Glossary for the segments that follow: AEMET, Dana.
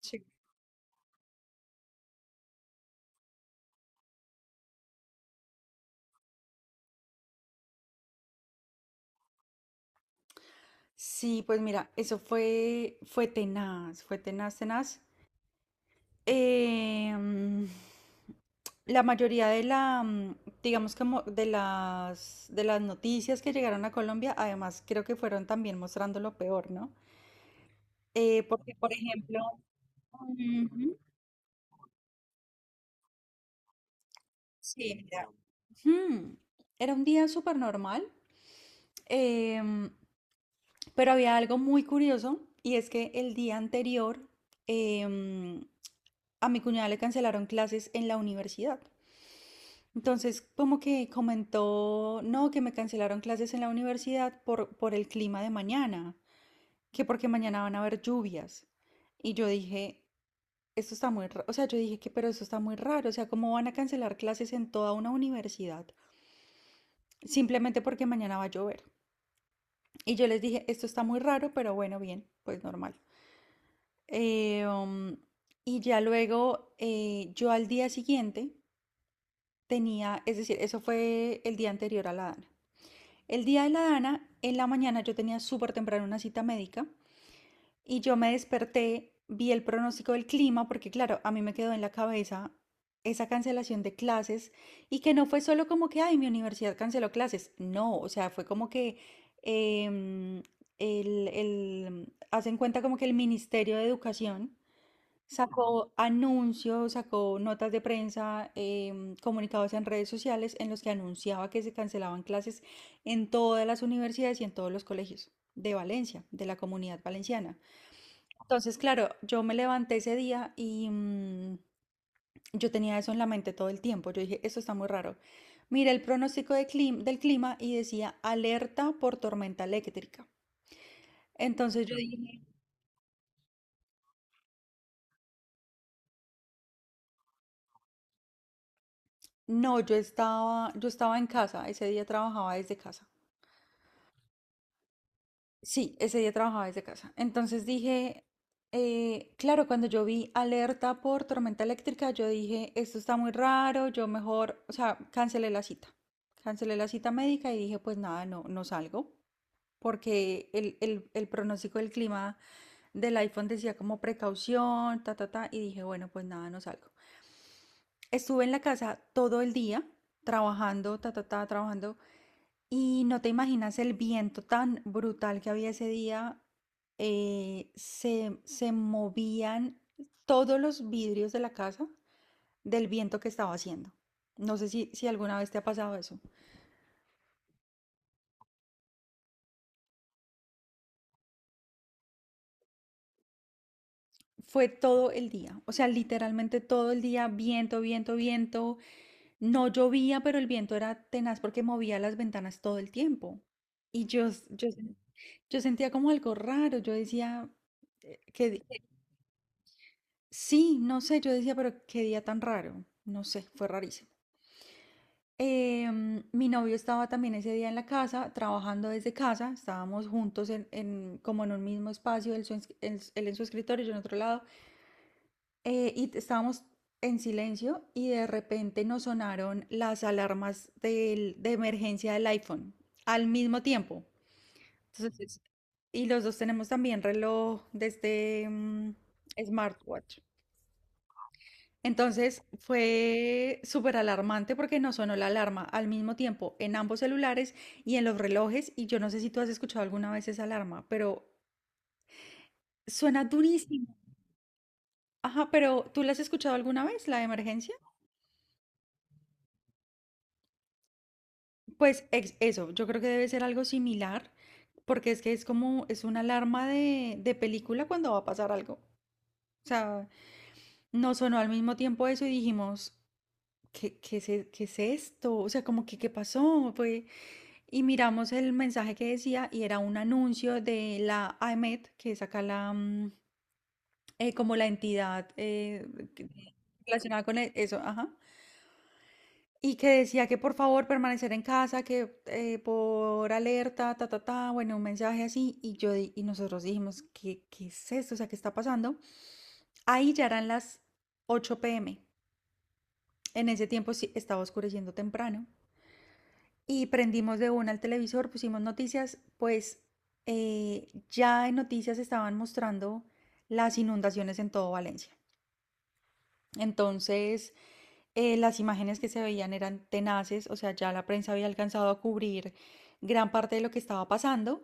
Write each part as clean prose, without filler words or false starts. Sí. Sí, pues mira, eso fue tenaz, fue tenaz, tenaz. Em, la mayoría de digamos como de las noticias que llegaron a Colombia, además creo que fueron también mostrando lo peor, ¿no? Porque, por ejemplo, ujú, sí, mira, ujú, era un día súper normal, em, pero había algo muy curioso y es que el día anterior, em, a mi cuñada le cancelaron clases en la universidad. Entonces, como que comentó, no, que me cancelaron clases en la universidad por el clima de mañana, que porque mañana van a haber lluvias. Y yo dije, esto está muy raro, o sea, yo dije que, pero esto está muy raro, o sea, ¿cómo van a cancelar clases en toda una universidad? Simplemente porque mañana va a llover. Y yo les dije, esto está muy raro, pero bueno, bien, pues normal. Eh, um, y ya luego, yo al día siguiente tenía, es decir, eso fue el día anterior a la Dana. El día de la Dana, en la mañana yo tenía súper temprano una cita médica y yo me desperté, vi el pronóstico del clima, porque claro, a mí me quedó en la cabeza esa cancelación de clases y que no fue solo como que, ay, mi universidad canceló clases, no, o sea, fue como que em, hacen cuenta como que el Ministerio de Educación sacó anuncios, sacó notas de prensa, comunicados en redes sociales en los que anunciaba que se cancelaban clases en todas las universidades y en todos los colegios de Valencia, de la comunidad valenciana. Entonces, claro, yo me levanté ese día y yo tenía eso en la mente todo el tiempo. Yo dije, esto está muy raro. Miré el pronóstico de del clima y decía alerta por tormenta eléctrica. Entonces yo dije, no, yo estaba en casa, ese día trabajaba desde casa. Sí, ese día trabajaba desde casa. Entonces dije, claro, cuando yo vi alerta por tormenta eléctrica, yo dije, esto está muy raro, yo mejor, o sea, cancelé la cita. Cancelé la cita médica y dije, pues nada, no, no salgo, porque el pronóstico del clima del iPhone decía como precaución, ta, ta, ta, y dije, bueno, pues nada, no salgo. Estuve en la casa todo el día, trabajando, ta, ta, ta, trabajando. Y no te imaginas el viento tan brutal que había ese día. Se movían todos los vidrios de la casa del viento que estaba haciendo. No sé si alguna vez te ha pasado eso. Fue todo el día, o sea, literalmente todo el día, viento, viento, viento. No llovía, pero el viento era tenaz porque movía las ventanas todo el tiempo. Y yo sentía como algo raro. Yo decía, eh, ¿qué, Sí, no sé, yo decía, pero qué día tan raro, no sé, fue rarísimo. Mi novio estaba también ese día en la casa, trabajando desde casa, estábamos juntos como en un mismo espacio, él, su ens- en s- él en su escritorio, yo en otro lado, y estábamos en silencio y de repente nos sonaron las alarmas de emergencia del iPhone al mismo tiempo. Entonces, y los dos tenemos también reloj de este smartwatch. Entonces fue superalarmante porque nos sonó la alarma al mismo tiempo en ambos celulares y en los relojes. Y yo no sé si tú has escuchado alguna vez esa alarma, pero suena durísimo. Ajá, pero ¿tú la has escuchado alguna vez, la de emergencia? Pues eso, yo creo que debe ser algo similar, porque es que es como, es una alarma de película cuando va a pasar algo. O sea, nos sonó al mismo tiempo eso y dijimos, ¿qué, qué es, qué es esto? O sea, como que, ¿qué pasó? Fue, y miramos el mensaje que decía y era un anuncio de la AEMET, que es acá la, como la entidad que- relacionada con eso, ajá. Y que decía que por favor permanecer en casa, que por alerta, ta, ta, ta, bueno, un mensaje así. Y yo y nosotros dijimos, ¿qué, qué es esto? O sea, ¿qué está pasando? Ahí ya eran las 8 p.m. En ese tiempo sí estaba oscureciendo temprano. Y prendimos de una el televisor, pusimos noticias, pues ya en noticias estaban mostrando las inundaciones en todo Valencia. Entonces, las imágenes que se veían eran tenaces, o sea, ya la prensa había alcanzado a cubrir gran parte de lo que estaba pasando,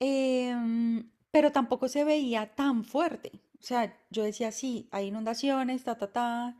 pero tampoco se veía tan fuerte. O sea, yo decía, sí, hay inundaciones, ta, ta, ta,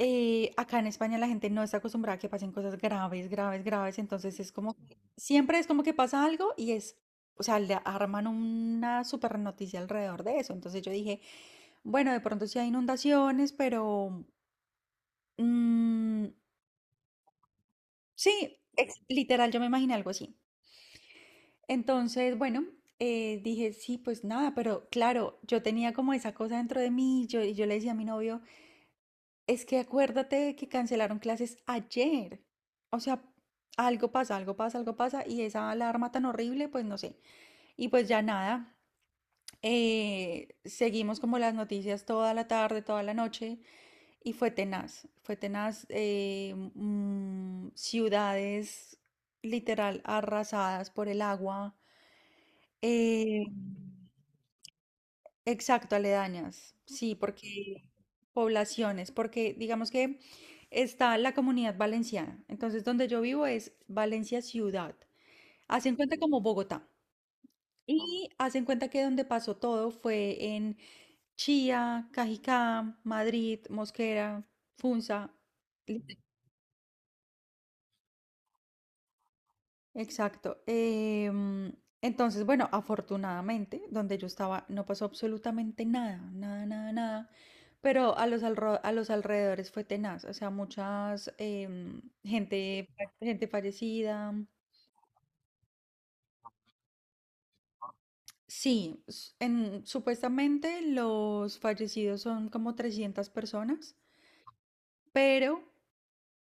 Acá en España la gente no está acostumbrada a que pasen cosas graves, graves, graves, entonces es como que siempre es como que pasa algo y es, o sea, le arman una super noticia alrededor de eso. Entonces yo dije, bueno, de pronto sí hay inundaciones, pero mm, sí, literal, yo me imaginé algo así. Entonces, bueno, dije, sí, pues nada, pero claro, yo tenía como esa cosa dentro de mí, yo, y yo le decía a mi novio, es que acuérdate de que cancelaron clases ayer. O sea, algo pasa, algo pasa, algo pasa. Y esa alarma tan horrible, pues no sé. Y pues ya nada, seguimos como las noticias toda la tarde, toda la noche. Y fue tenaz, fue tenaz. Ciudades literal arrasadas por el agua. eh, Exacto, aledañas, sí, porque poblaciones, porque digamos que está la comunidad valenciana, entonces donde yo vivo es Valencia ciudad, hacen cuenta como Bogotá, y hacen cuenta que donde pasó todo fue en Chía, Cajicá, Madrid, Mosquera, Funza. Exacto. Entonces, bueno, afortunadamente, donde yo estaba no pasó absolutamente nada, nada, nada, nada. Pero a los, a los alrededores fue tenaz, o sea, muchas gente, gente fallecida. Sí, supuestamente los fallecidos son como 300 personas, pero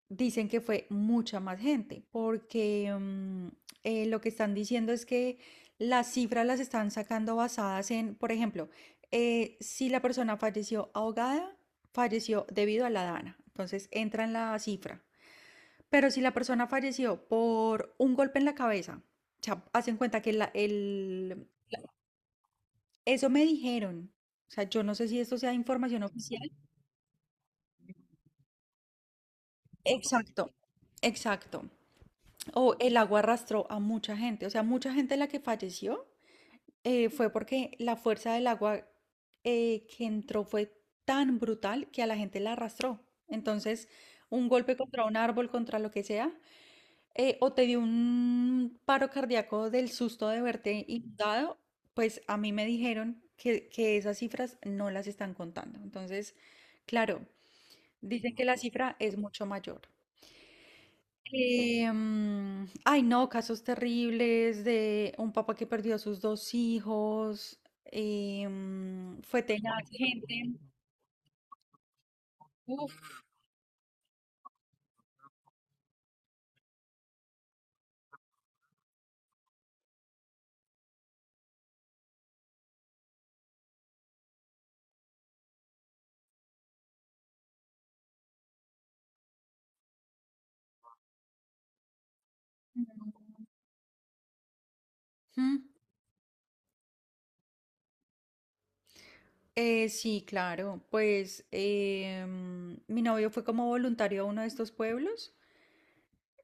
dicen que fue mucha más gente, porque lo que están diciendo es que las cifras las están sacando basadas en, por ejemplo, si la persona falleció ahogada, falleció debido a la dana, entonces entra en la cifra. Pero si la persona falleció por un golpe en la cabeza, o sea, hacen cuenta que eso me dijeron. O sea, yo no sé si esto sea información oficial. Exacto, exacto. O el agua arrastró a mucha gente, o sea, mucha gente la que falleció fue porque la fuerza del agua que entró fue tan brutal que a la gente la arrastró. Entonces, un golpe contra un árbol, contra lo que sea, o te dio un paro cardíaco del susto de verte inundado, pues a mí me dijeron que esas cifras no las están contando. Entonces, claro, dicen que la cifra es mucho mayor. Ay, no, casos terribles de un papá que perdió a sus dos hijos. Fue tenaz, gente. Uf. Mm, sí, claro. Pues mi novio fue como voluntario a uno de estos pueblos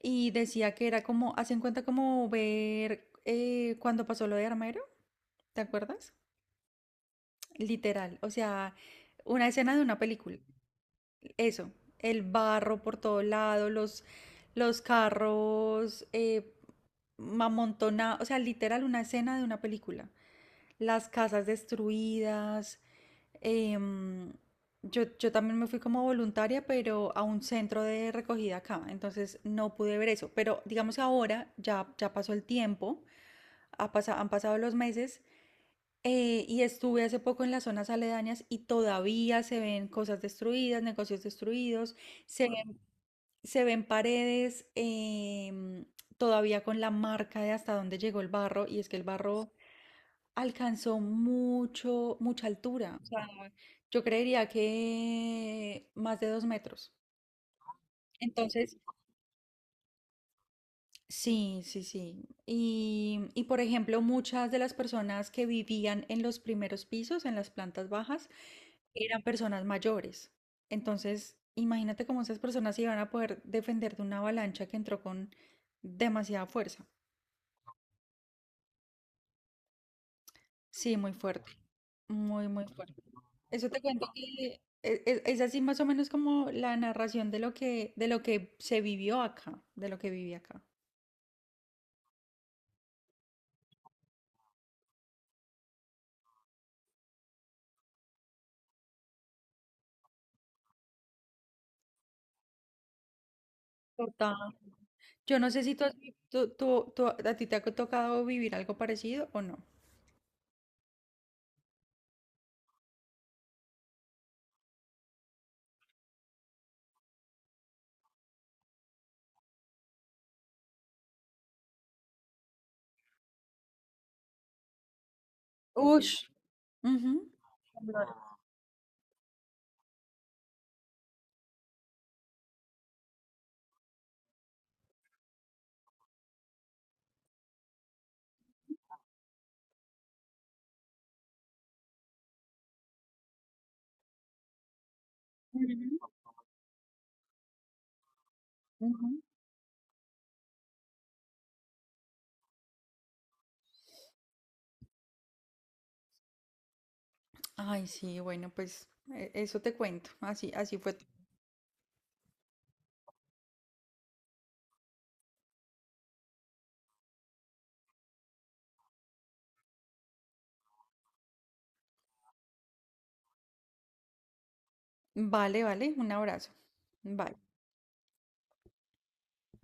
y decía que era como, hacen cuenta como ver cuando pasó lo de Armero, ¿te acuerdas? Literal, o sea, una escena de una película. Eso, el barro por todo lado, los carros amontonados, o sea, literal una escena de una película. Las casas destruidas. em, yo también me fui como voluntaria, pero a un centro de recogida acá, entonces no pude ver eso. Pero digamos que ahora ya, ya pasó el tiempo, han pasado los meses. Y estuve hace poco en las zonas aledañas y todavía se ven cosas destruidas, negocios destruidos, se se ven paredes todavía con la marca de hasta dónde llegó el barro y es que el barro alcanzó mucho, mucha altura. O sea, yo creería que más de 2 metros. Entonces, sí, sí, sí. Y por ejemplo, muchas de las personas que vivían en los primeros pisos, en las plantas bajas, eran personas mayores. Entonces, imagínate cómo esas personas se iban a poder defender de una avalancha que entró con demasiada fuerza. Sí, muy fuerte, muy, muy fuerte. Eso te cuento que es, así más o menos como la narración de lo que se vivió acá, de lo que viví acá. Total. Yo no sé si tú, has vi- tú- tú- tú- a ti te ha tocado vivir algo parecido o no. Ush. Ujú. Ay, sí, bueno, pues eso te cuento. Así, así fue. Vale, vale, un abrazo. Bye.